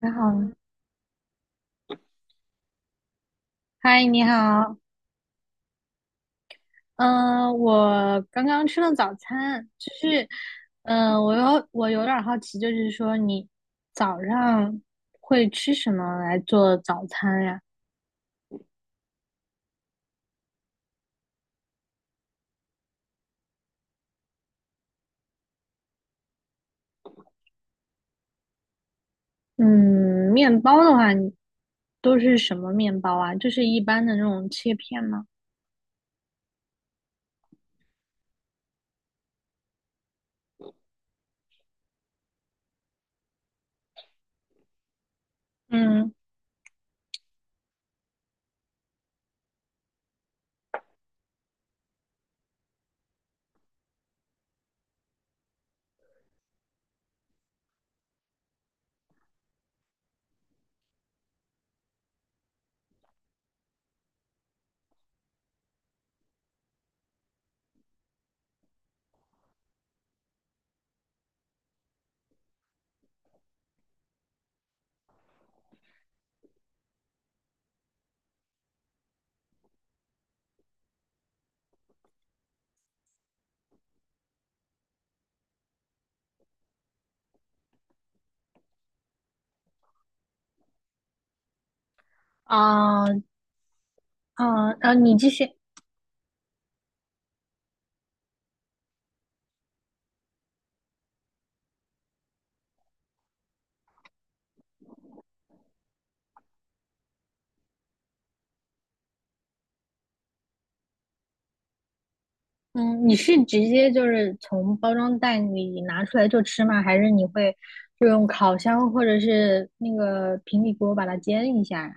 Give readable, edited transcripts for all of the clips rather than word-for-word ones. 你好，嗨，你好，嗯、我刚刚吃了早餐，我有点儿好奇，就是说你早上会吃什么来做早餐呀？嗯，面包的话，你都是什么面包啊？就是一般的那种切片吗？嗯，啊、啊，你继续。嗯，你是直接就是从包装袋里拿出来就吃吗？还是你会就用烤箱或者是那个平底锅把它煎一下呀？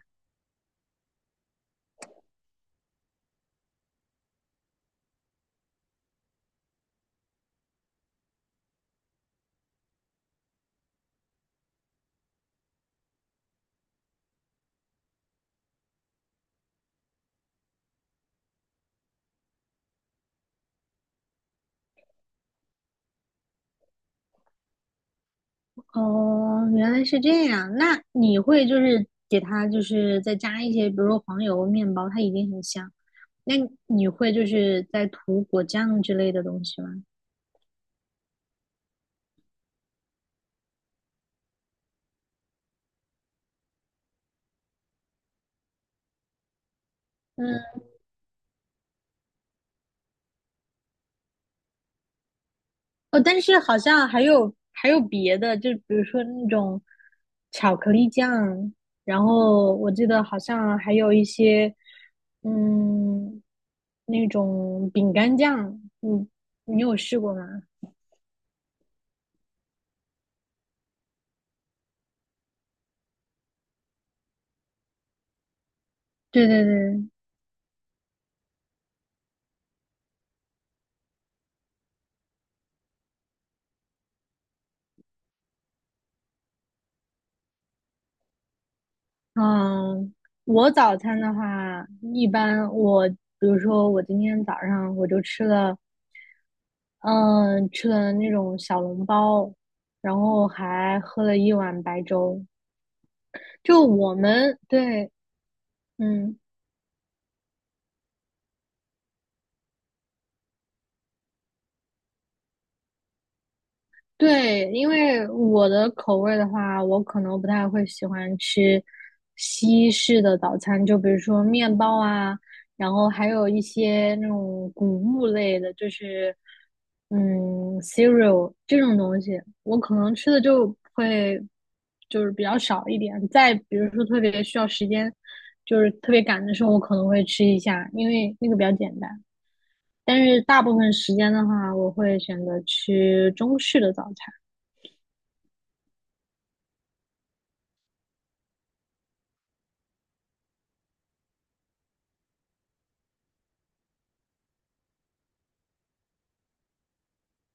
哦，原来是这样。那你会就是给它就是再加一些，比如说黄油面包，它已经很香。那你会就是再涂果酱之类的东西吗？嗯。哦，但是好像还有别的，就比如说那种巧克力酱，然后我记得好像还有一些，嗯，那种饼干酱，嗯，你有试过吗？对对对，嗯，我早餐的话，一般我比如说我今天早上我就吃了，嗯，吃了那种小笼包，然后还喝了一碗白粥。就我们对嗯，对，因为我的口味的话，我可能不太会喜欢吃西式的早餐，就比如说面包啊，然后还有一些那种谷物类的，就是嗯，cereal 这种东西，我可能吃的就会就是比较少一点。再比如说特别需要时间，就是特别赶的时候，我可能会吃一下，因为那个比较简单。但是大部分时间的话，我会选择吃中式的早餐。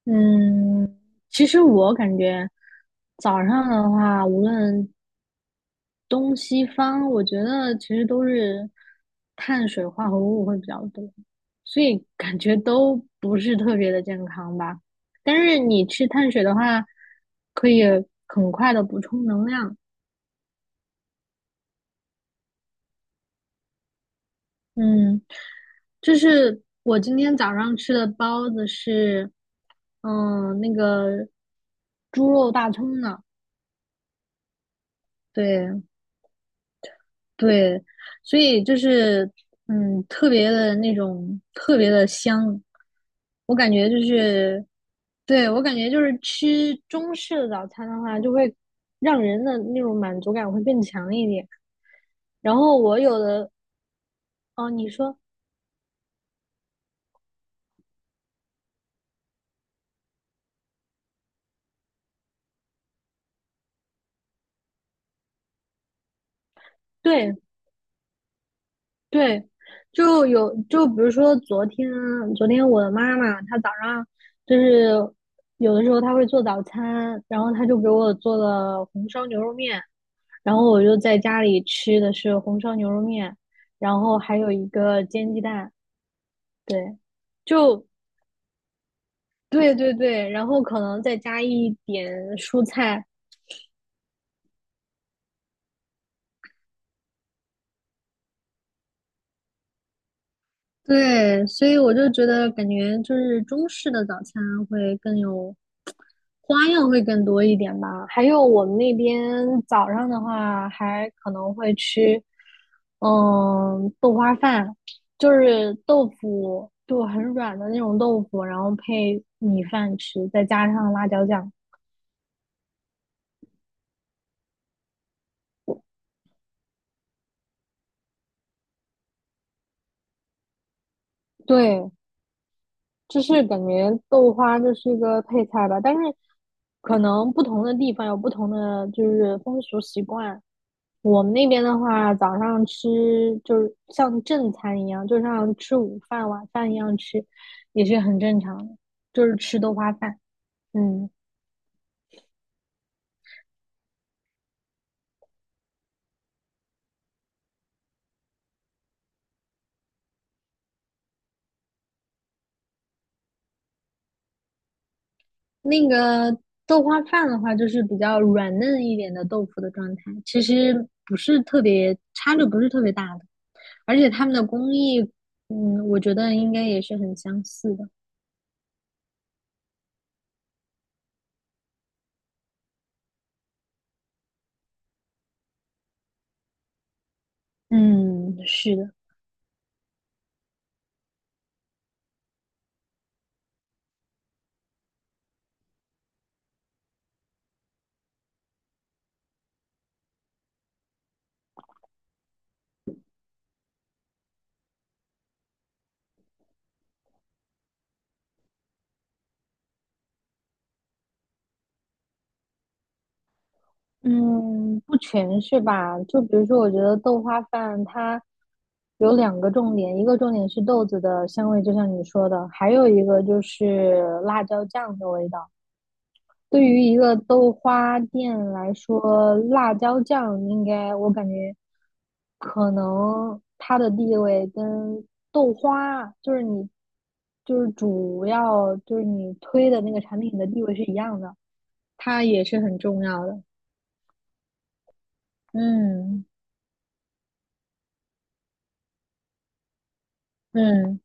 嗯，其实我感觉早上的话，无论东西方，我觉得其实都是碳水化合物会比较多，所以感觉都不是特别的健康吧。但是你吃碳水的话，可以很快的补充能量。嗯，就是我今天早上吃的包子是，嗯，那个猪肉大葱的，对对，所以就是嗯，特别的那种特别的香，我感觉就是，对，我感觉就是吃中式的早餐的话，就会让人的那种满足感会更强一点。然后我有的，哦，你说，对对，就有就比如说昨天，昨天我的妈妈她早上就是有的时候她会做早餐，然后她就给我做了红烧牛肉面，然后我就在家里吃的是红烧牛肉面，然后还有一个煎鸡蛋，对，就对对对，然后可能再加一点蔬菜，对，所以我就觉得感觉就是中式的早餐会更有花样，会更多一点吧。还有我们那边早上的话，还可能会吃，嗯，豆花饭，就是豆腐，就很软的那种豆腐，然后配米饭吃，再加上辣椒酱。对，就是感觉豆花这是一个配菜吧，但是可能不同的地方有不同的就是风俗习惯。我们那边的话，早上吃就是像正餐一样，就像吃午饭、晚饭一样吃，也是很正常的，就是吃豆花饭。嗯，那个豆花饭的话，就是比较软嫩一点的豆腐的状态，其实不是特别差距，不是特别大的，而且他们的工艺，嗯，我觉得应该也是很相似的。嗯，是的。嗯，不全是吧？就比如说，我觉得豆花饭它有两个重点，一个重点是豆子的香味，就像你说的，还有一个就是辣椒酱的味道。对于一个豆花店来说，辣椒酱应该我感觉可能它的地位跟豆花，就是你就是主要就是你推的那个产品的地位是一样的，它也是很重要的。嗯嗯。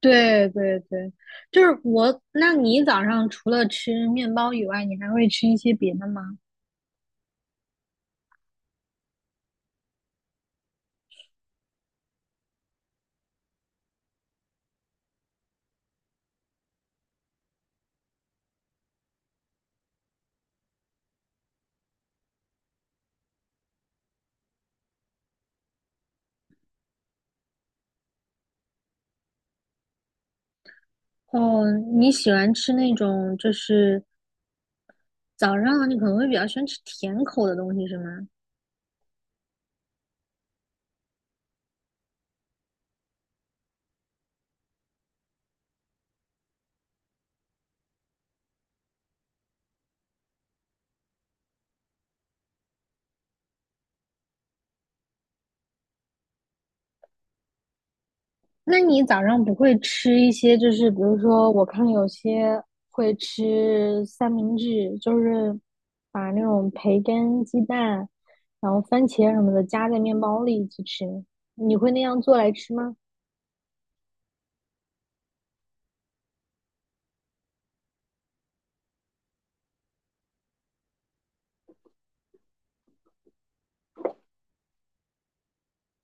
对对对，就是我。那你早上除了吃面包以外，你还会吃一些别的吗？哦，你喜欢吃那种就是早上你可能会比较喜欢吃甜口的东西是吗？那你早上不会吃一些就是比如说我看有些会吃三明治，就是把那种培根、鸡蛋，然后番茄什么的夹在面包里去吃，你会那样做来吃吗？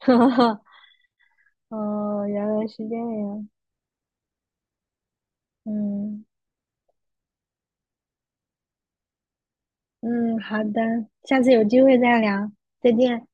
哦，原来是这样。嗯嗯，好的，下次有机会再聊，再见。